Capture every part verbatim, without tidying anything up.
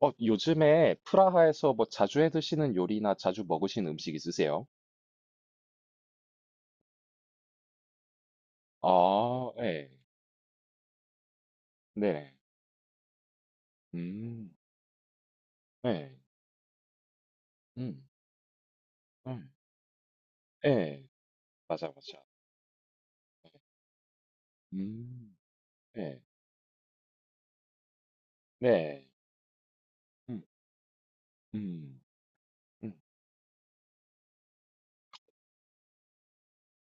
어, 요즘에 프라하에서 뭐 자주 해 드시는 요리나 자주 먹으시는 음식 있으세요? 아, 예. 네네. 음. 예. 음. 음. 예. 맞아, 맞아. 예. 음. 예. 네. 음. 음. 음.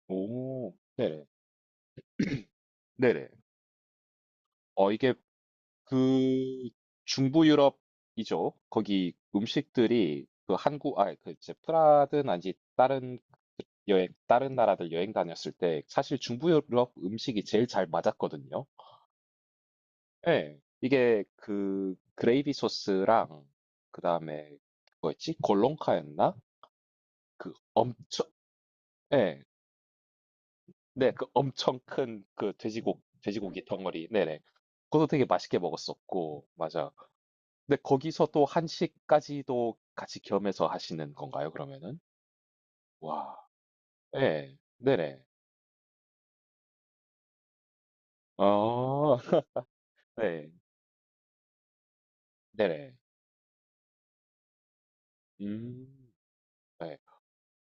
오. 네네. 네네. 어, 이게 그 중부 유럽이죠. 거기 음식들이 그 한국, 아, 그 이제 프라하든 아니 다른 여행 다른 나라들 여행 다녔을 때 사실 중부 유럽 음식이 제일 잘 맞았거든요. 예. 이게 그 그레이비 소스랑 그다음에 뭐였지? 골롱카였나? 그 엄청 예. 네, 그 엄청 큰 그 돼지고 돼지고기 덩어리. 네네. 그것도 되게 맛있게 먹었었고. 맞아. 근데 거기서 또 한식까지도 같이 겸해서 하시는 건가요, 그러면은? 와. 예. 네네. 아. 네. 네네. 음. 네.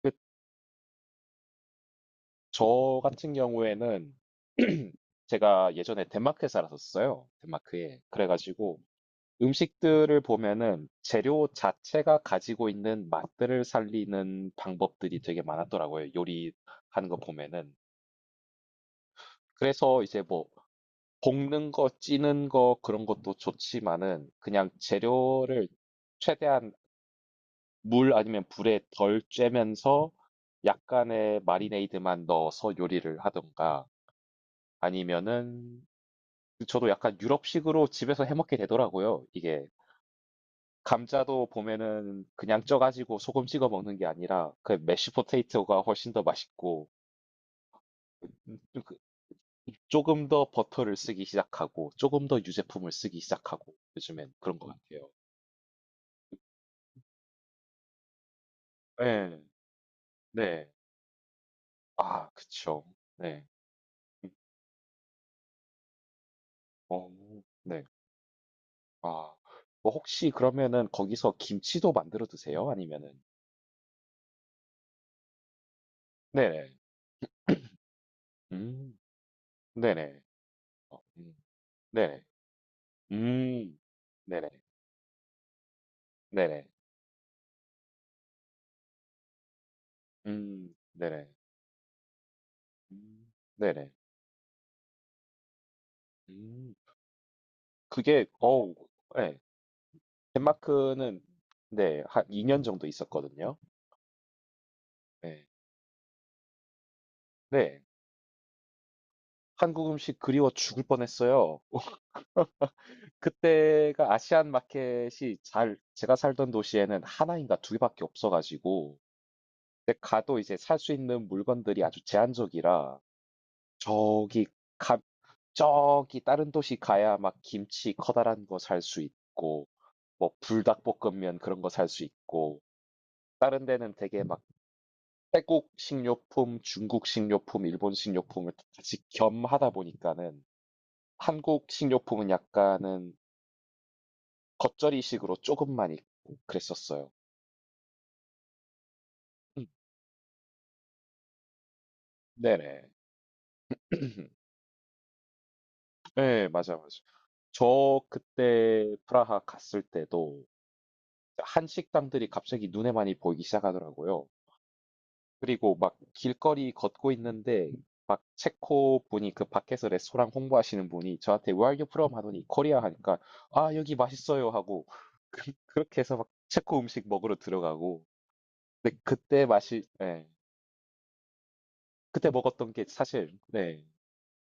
그 저 같은 경우에는 제가 예전에 덴마크에 살았었어요. 덴마크에. 그래가지고 음식들을 보면은 재료 자체가 가지고 있는 맛들을 살리는 방법들이 되게 많았더라고요. 요리하는 거 보면은. 그래서 이제 뭐 볶는 거, 찌는 거 그런 것도 좋지만은 그냥 재료를 최대한 물 아니면 불에 덜 쬐면서 약간의 마리네이드만 넣어서 요리를 하던가 아니면은 저도 약간 유럽식으로 집에서 해 먹게 되더라고요. 이게 감자도 보면은 그냥 쪄가지고 소금 찍어 먹는 게 아니라 그 메쉬 포테이토가 훨씬 더 맛있고, 음, 그 조금 더 버터를 쓰기 시작하고 조금 더 유제품을 쓰기 시작하고 요즘엔 그런 것 같아요. 네, 네. 아, 그쵸. 네. 음, 어, 네. 아, 뭐 혹시 그러면은 거기서 김치도 만들어 드세요? 아니면은? 네네. 음, 네네. 어, 음, 네네. 음. 네네. 네네. 음. 네네. 음. 네네. 음. 그게 어우 예. 덴마크는 네. 한 이 년 정도 있었거든요. 네. 네. 한국 음식 그리워 죽을 뻔했어요. 그때가 아시안 마켓이 잘 제가 살던 도시에는 하나 인가 두 개 밖에 없어 가지고 근데 가도 이제 살 수 있는 물건들이 아주 제한적이라 저기 가 저기 다른 도시 가야 막 김치 커다란 거 살 수 있고 뭐 불닭볶음면 그런 거 살 수 있고 다른 데는 되게 막 태국 식료품, 중국 식료품, 일본 식료품을 같이 겸하다 보니까는 한국 식료품은 약간은 겉절이식으로 조금만 있고 그랬었어요. 음, 네네. 네, 맞아, 맞아. 저 그때 프라하 갔을 때도 한식당들이 갑자기 눈에 많이 보이기 시작하더라고요. 그리고 막 길거리 걷고 있는데 막 체코 분이 그 밖에서 레스토랑 홍보하시는 분이 저한테 Where are you from? 하더니 코리아 하니까 아 여기 맛있어요 하고 그, 그렇게 해서 막 체코 음식 먹으러 들어가고 근데 그때 맛이 예 그때 먹었던 게 사실 네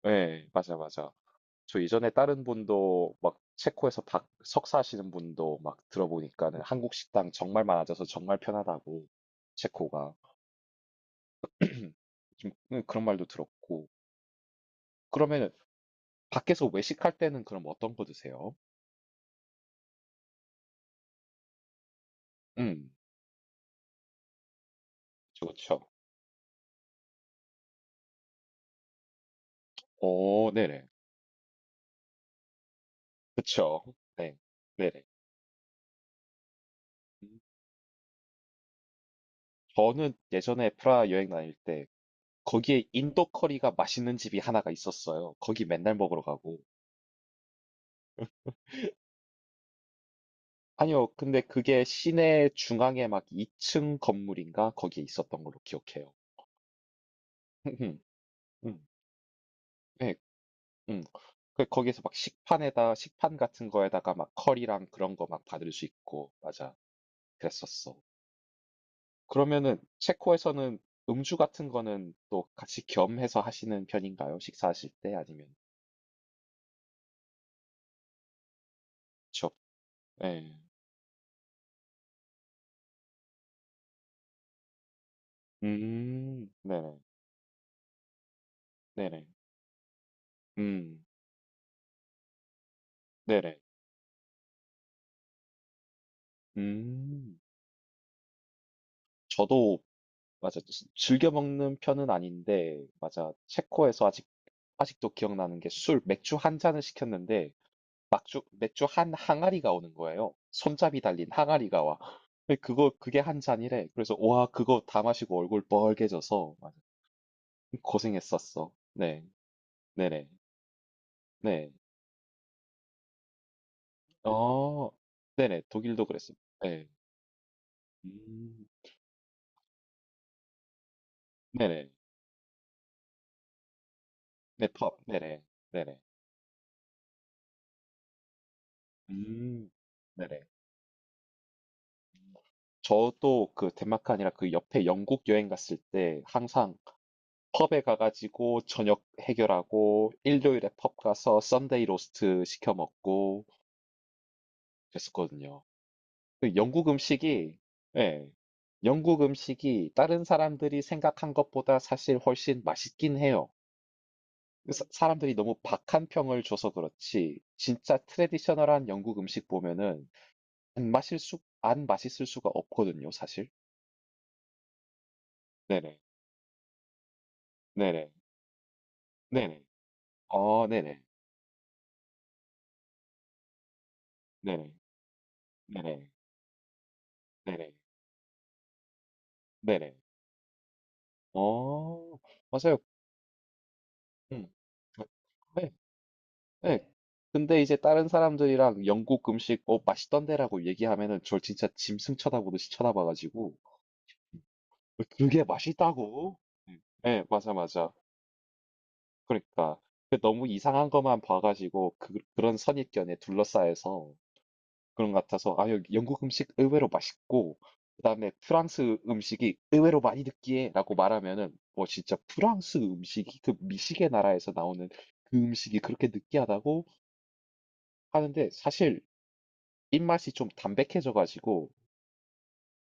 예 맞아 맞아 저 이전에 다른 분도 막 체코에서 박 석사하시는 분도 막 들어보니까는 한국 식당 정말 많아져서 정말 편하다고 체코가 좀 음, 그런 말도 들었고 그러면 밖에서 외식할 때는 그럼 어떤 거 드세요? 음. 그쵸, 그쵸. 어 네네. 그쵸. 네. 네네. 음. 저는 예전에 프라하 여행 다닐 때 거기에 인도 커리가 맛있는 집이 하나가 있었어요. 거기 맨날 먹으러 가고. 아니요. 근데 그게 시내 중앙에 막 이 층 건물인가 거기에 있었던 걸로 기억해요. 음음. 음. 네. 음. 그 거기서 막 식판에다 식판 같은 거에다가 막 커리랑 그런 거 막 받을 수 있고. 맞아. 그랬었어. 그러면은 체코에서는 음주 같은 거는 또 같이 겸해서 하시는 편인가요? 식사하실 때 아니면 취업? 네. 음, 네네, 네네, 음, 네네, 음. 저도 맞아 즐- 즐겨 먹는 편은 아닌데 맞아 체코에서 아직 아직도 기억나는 게 술, 맥주 한 잔을 시켰는데 맥주 맥주 한 항아리가 오는 거예요. 손잡이 달린 항아리가 와. 근데 그거 그게 한 잔이래. 그래서 와 그거 다 마시고 얼굴 뻘개져서 고생했었어. 네. 네네. 네. 어. 네네. 독일도 그랬어요. 네. 음. 네네. 네. 펍. 네네. 네네. 음. 네네. 저도 그 덴마크 아니라 그 옆에 영국 여행 갔을 때 항상 펍에 가가지고 저녁 해결하고 일요일에 펍 가서 썬데이 로스트 시켜 먹고 그랬었거든요. 그 영국 음식이 예. 영국 음식이 다른 사람들이 생각한 것보다 사실 훨씬 맛있긴 해요. 사- 사람들이 너무 박한 평을 줘서 그렇지, 진짜 트레디셔널한 영국 음식 보면은 안 마실 수, 안 맛있을 수가 없거든요, 사실. 네네, 네네, 네네, 어, 네네, 네네, 네네, 네네, 네네, 어, 맞아요. 음. 네, 네. 네. 근데 이제 다른 사람들이랑 영국 음식, 어, 맛있던데라고 얘기하면은 저 진짜 짐승 쳐다보듯이 쳐다봐가지고, 음, 그게 맛있다고? 음. 네, 맞아, 맞아. 그러니까 그 너무 이상한 것만 봐가지고 그, 그런 선입견에 둘러싸여서 그런 것 같아서 아 여기 영국 음식 의외로 맛있고 그다음에 프랑스 음식이 의외로 많이 느끼해라고 말하면은 뭐 진짜 프랑스 음식이 그 미식의 나라에서 나오는 그 음식이 그렇게 느끼하다고 하는데 사실 입맛이 좀 담백해져가지고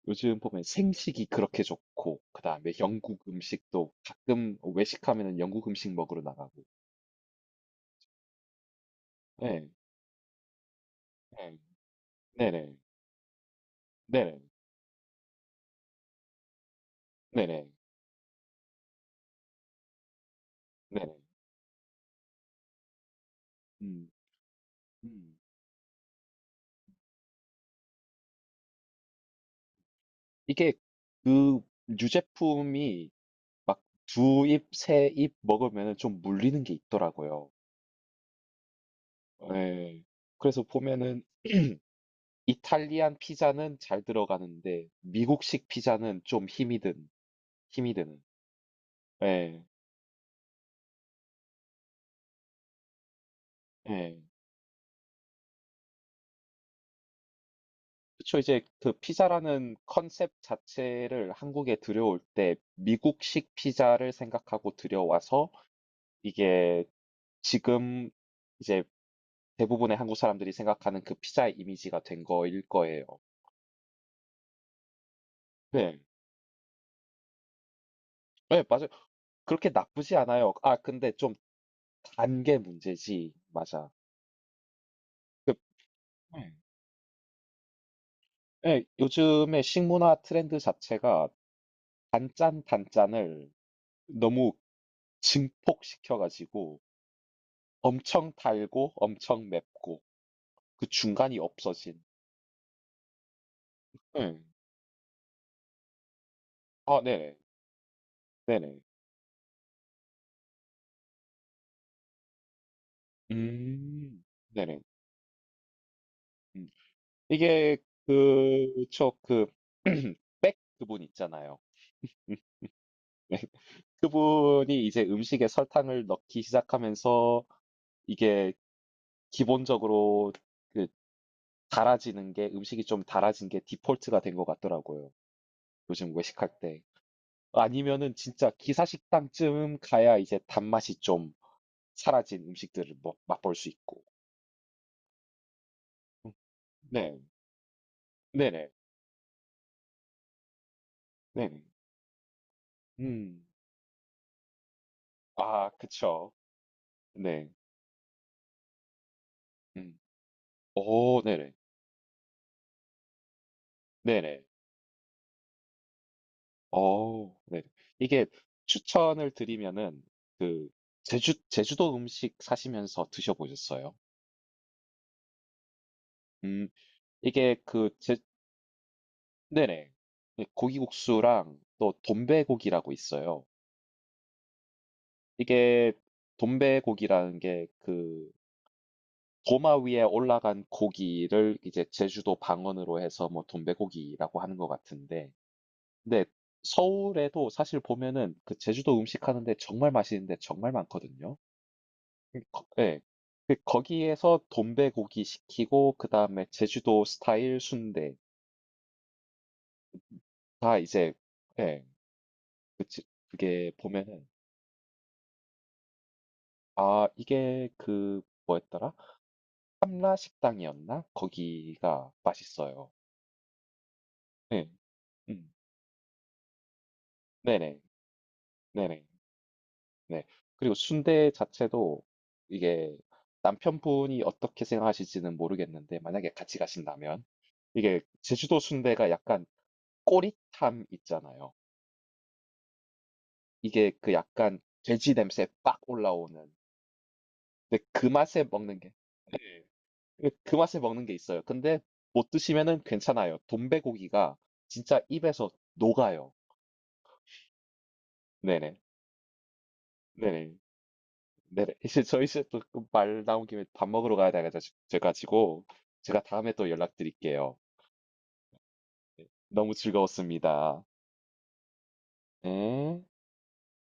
요즘 보면 생식이 그렇게 좋고 그다음에 영국 음식도 가끔 외식하면은 영국 음식 먹으러 나가고 네, 네, 네네 네네 네네. 네네. 음. 음. 이게 그 유제품이 막 두 입, 세 입 먹으면 좀 물리는 게 있더라고요. 네. 그래서 보면은 이탈리안 피자는 잘 들어가는데 미국식 피자는 좀 힘이 든 힘이 드는. 예. 예. 그쵸. 이제 그 피자라는 컨셉 자체를 한국에 들여올 때 미국식 피자를 생각하고 들여와서 이게 지금 이제 대부분의 한국 사람들이 생각하는 그 피자의 이미지가 된 거일 거예요. 네. 네, 맞아요. 그렇게 나쁘지 않아요. 아, 근데 좀 단게 문제지. 맞아. 그, 네. 네, 요즘에 식문화 트렌드 자체가 단짠 단짠을 너무 증폭시켜가지고 엄청 달고 엄청 맵고 그 중간이 없어진. 네. 아, 네네. 네네. 음, 네네. 음. 이게 그, 저, 그, 그분 있잖아요. 네. 그분이 이제 음식에 설탕을 넣기 시작하면서 이게 기본적으로 그 달아지는 게 음식이 좀 달아진 게 디폴트가 된 것 같더라고요. 요즘 외식할 때. 아니면은 진짜 기사식당쯤 가야 이제 단맛이 좀 사라진 음식들을 뭐 맛볼 수 있고. 음, 네. 네네. 네네. 음. 아, 그쵸. 네. 음. 오, 네네. 네네. 어 네. 이게 추천을 드리면은 그 제주 제주도 음식 사시면서 드셔 보셨어요? 음 이게 그 제 네네. 예 고기국수랑 또 돈베고기라고 있어요. 이게 돈베고기라는 게 그 도마 위에 올라간 고기를 이제 제주도 방언으로 해서 뭐 돈베고기라고 하는 것 같은데 근데 서울에도 사실 보면은 그 제주도 음식 하는데 정말 맛있는 데 정말 많거든요. 그 거 예. 그 거기에서 돈베고기 시키고 그다음에 제주도 스타일 순대 다 이제 예. 그 지- 그게 보면은 아 이게 그 뭐였더라? 삼라 식당이었나? 거기가 맛있어요. 네. 음. 네네. 네네. 네. 그리고 순대 자체도 이게 남편분이 어떻게 생각하실지는 모르겠는데 만약에 같이 가신다면 이게 제주도 순대가 약간 꼬릿함 있잖아요. 이게 그 약간 돼지 냄새 빡 올라오는 근데 그 맛에 먹는 게 네. 그- 그 맛에 먹는 게 있어요. 근데 못 드시면은 괜찮아요. 돈베고기가 진짜 입에서 녹아요. 네네. 네네. 네네. 이제 저희 이제 또말 나온 김에 밥 먹으러 가야 돼가지고 제가 다음에 또 연락드릴게요. 너무 즐거웠습니다. 네.